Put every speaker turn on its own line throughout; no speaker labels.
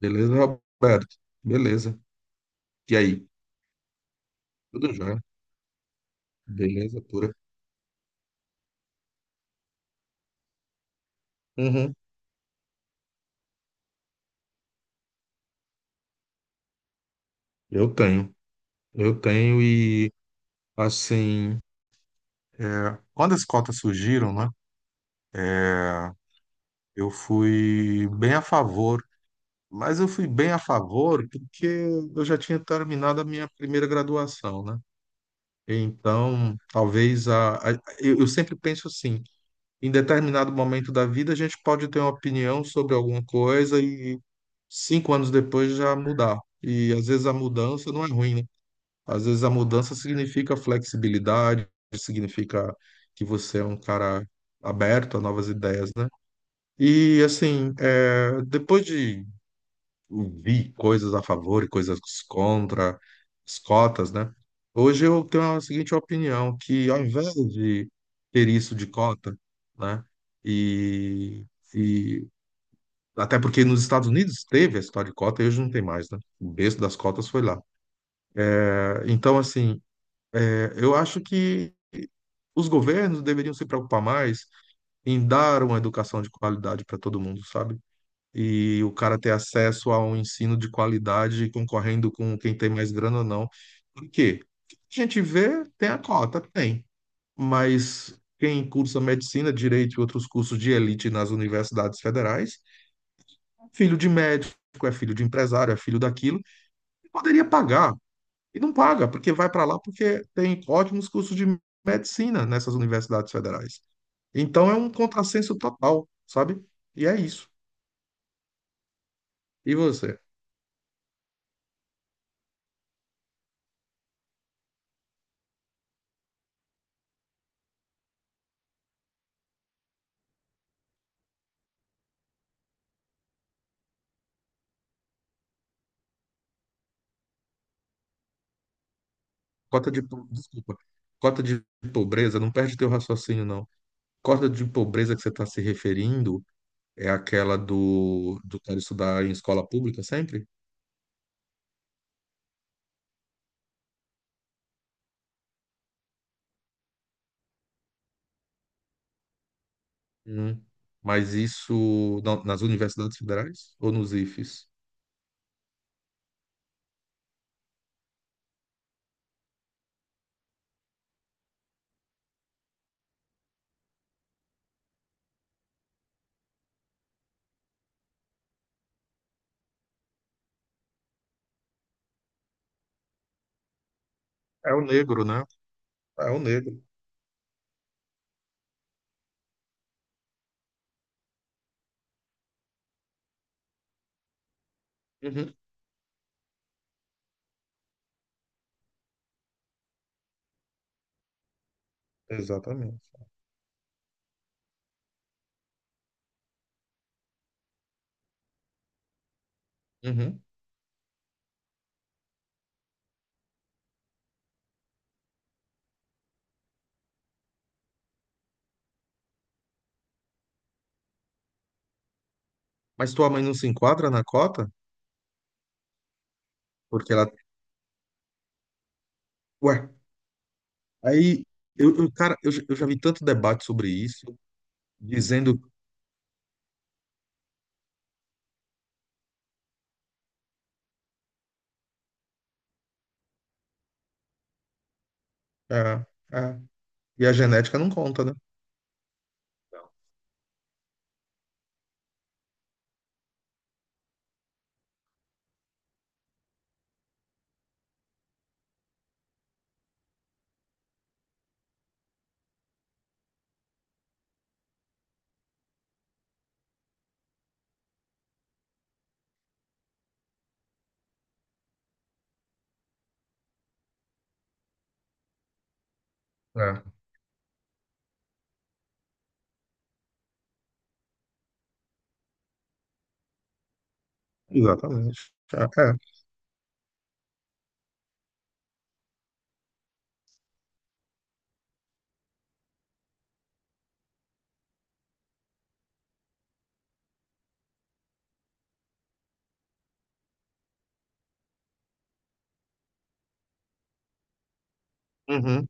Beleza, Roberto? Beleza. E aí? Tudo jóia? Beleza pura. Uhum. Eu tenho. Eu tenho e, assim, é, quando as cotas surgiram, né, cara, eu fui bem a favor. Mas eu fui bem a favor porque eu já tinha terminado a minha primeira graduação, né? Então, talvez eu sempre penso assim, em determinado momento da vida, a gente pode ter uma opinião sobre alguma coisa e 5 anos depois já mudar. E às vezes a mudança não é ruim, né? Às vezes a mudança significa flexibilidade, significa que você é um cara aberto a novas ideias, né? E assim, é, depois de vi coisas a favor e coisas contra, as cotas, né? Hoje eu tenho a seguinte opinião, que ao invés de ter isso de cota, né? E, e até porque nos Estados Unidos teve a história de cota e hoje não tem mais, né? O berço das cotas foi lá. Então, assim, eu acho que os governos deveriam se preocupar mais em dar uma educação de qualidade para todo mundo, sabe? E o cara ter acesso a um ensino de qualidade concorrendo com quem tem mais grana ou não. Por quê? O que a gente vê, tem a cota, tem, mas quem cursa medicina, direito e outros cursos de elite nas universidades federais, filho de médico, é filho de empresário, é filho daquilo, e poderia pagar e não paga, porque vai para lá porque tem ótimos cursos de medicina nessas universidades federais. Então é um contrassenso total, sabe? E é isso. E você? Desculpa. Cota de pobreza, não perde teu raciocínio, não. Cota de pobreza que você está se referindo é aquela do cara estudar em escola pública sempre? Hum. Mas isso nas universidades federais ou nos IFES? É o negro, né? É o negro. Uhum. Exatamente. Uhum. Mas tua mãe não se enquadra na cota? Porque ela. Ué, aí. Cara, eu já vi tanto debate sobre isso, dizendo. É, é, e a genética não conta, né? Exatamente. É, é. Uhum,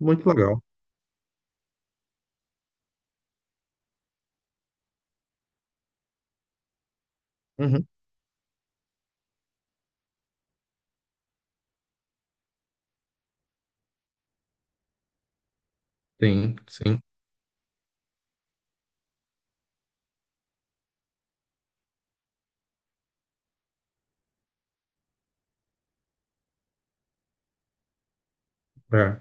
muito legal. Uhum. Sim, sim. É.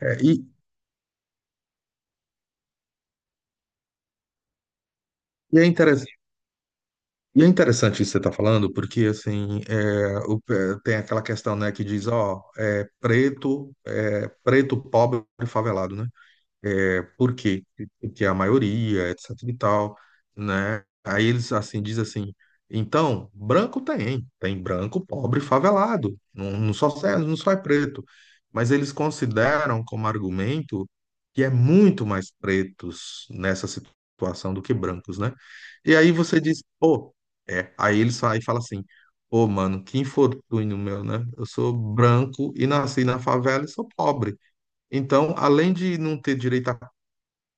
É, e é interessante. E é interessante isso que você está falando, porque assim é, é, tem aquela questão, né, que diz, ó, é preto, pobre, e favelado, né? É, por quê? Porque a maioria, etc e tal, né? Aí eles, assim, dizem assim, então, branco tem, branco, pobre, favelado, não só, não só é preto, mas eles consideram como argumento que é muito mais pretos nessa situação do que brancos, né? E aí você diz, pô, é, aí eles saem e falam assim, pô, mano, que infortúnio meu, né? Eu sou branco e nasci na favela e sou pobre. Então, além de não ter direito a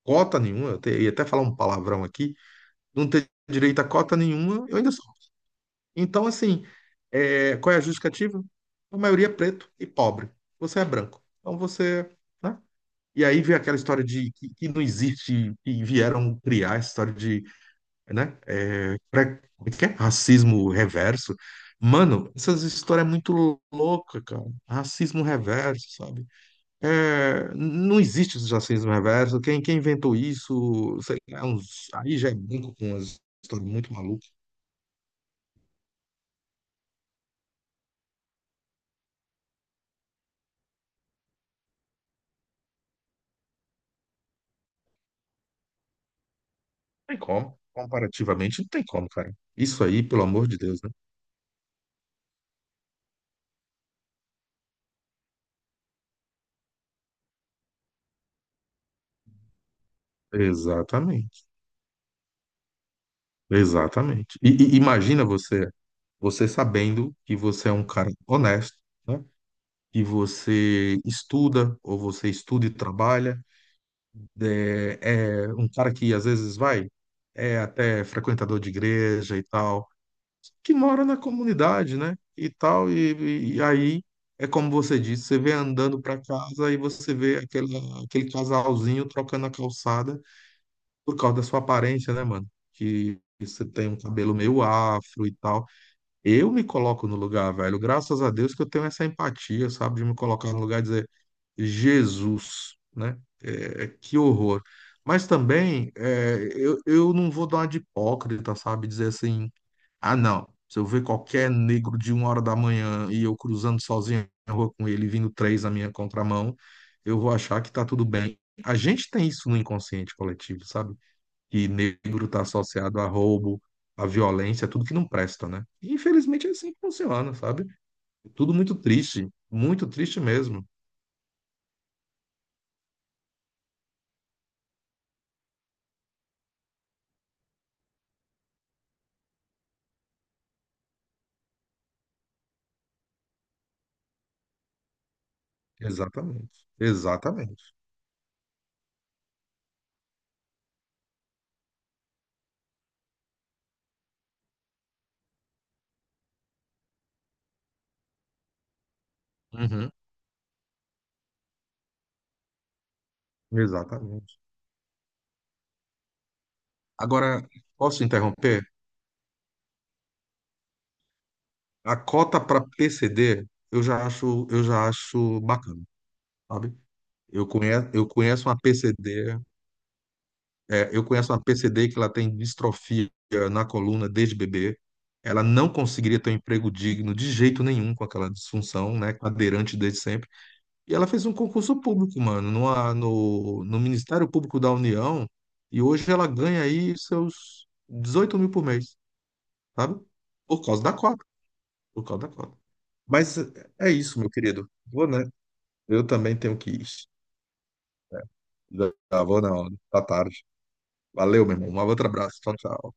cota nenhuma, eu te- ia até falar um palavrão aqui, não ter direito a cota nenhuma, eu ainda sou. Então, assim, é, qual é a justificativa? A maioria é preto e pobre. Você é branco. Então você, né? E aí vem aquela história de que não existe, que vieram criar essa história de, né? É, como é que é? Racismo reverso. Mano, essas histórias é muito louca, cara. Racismo reverso, sabe? É, não existe o jacismo reverso. Quem inventou isso, sei lá, aí já é brinco com umas histórias muito malucas. Não tem como. Comparativamente, não tem como, cara. Isso aí, pelo amor de Deus, né? Exatamente. Exatamente. E imagina você, você sabendo que você é um cara honesto, né? Que você estuda, ou você estuda e trabalha, é é um cara que às vezes vai é até frequentador de igreja e tal. Que mora na comunidade, né? E tal, e aí é como você disse, você vem andando para casa e você vê aquele casalzinho trocando a calçada por causa da sua aparência, né, mano? Que você tem um cabelo meio afro e tal. Eu me coloco no lugar, velho. Graças a Deus que eu tenho essa empatia, sabe? De me colocar no lugar e dizer, Jesus, né? É, é, que horror. Mas também é, eu não vou dar uma de hipócrita, sabe? Dizer assim, ah, não. Se eu ver qualquer negro de uma hora da manhã e eu cruzando sozinho na rua com ele, vindo três na minha contramão, eu vou achar que tá tudo bem. A gente tem isso no inconsciente coletivo, sabe? Que negro tá associado a roubo, a violência, tudo que não presta, né? E, infelizmente é assim que funciona, sabe? Tudo muito triste mesmo. Exatamente. Exatamente. Uhum. Exatamente. Agora, posso interromper? A cota para PCD, eu já acho bacana. Sabe? Eu conheço uma PCD, é, eu conheço uma PCD que ela tem distrofia na coluna desde bebê. Ela não conseguiria ter um emprego digno de jeito nenhum com aquela disfunção, né? Cadeirante desde sempre. E ela fez um concurso público, mano, no Ministério Público da União. E hoje ela ganha aí seus 18 mil por mês, sabe? Por causa da cota, por causa da cota. Mas é isso, meu querido. Vou, né? Eu também tenho que ir. Já já vou na hora. Tá tarde. Valeu, meu irmão. Um outro abraço. Tchau, tchau.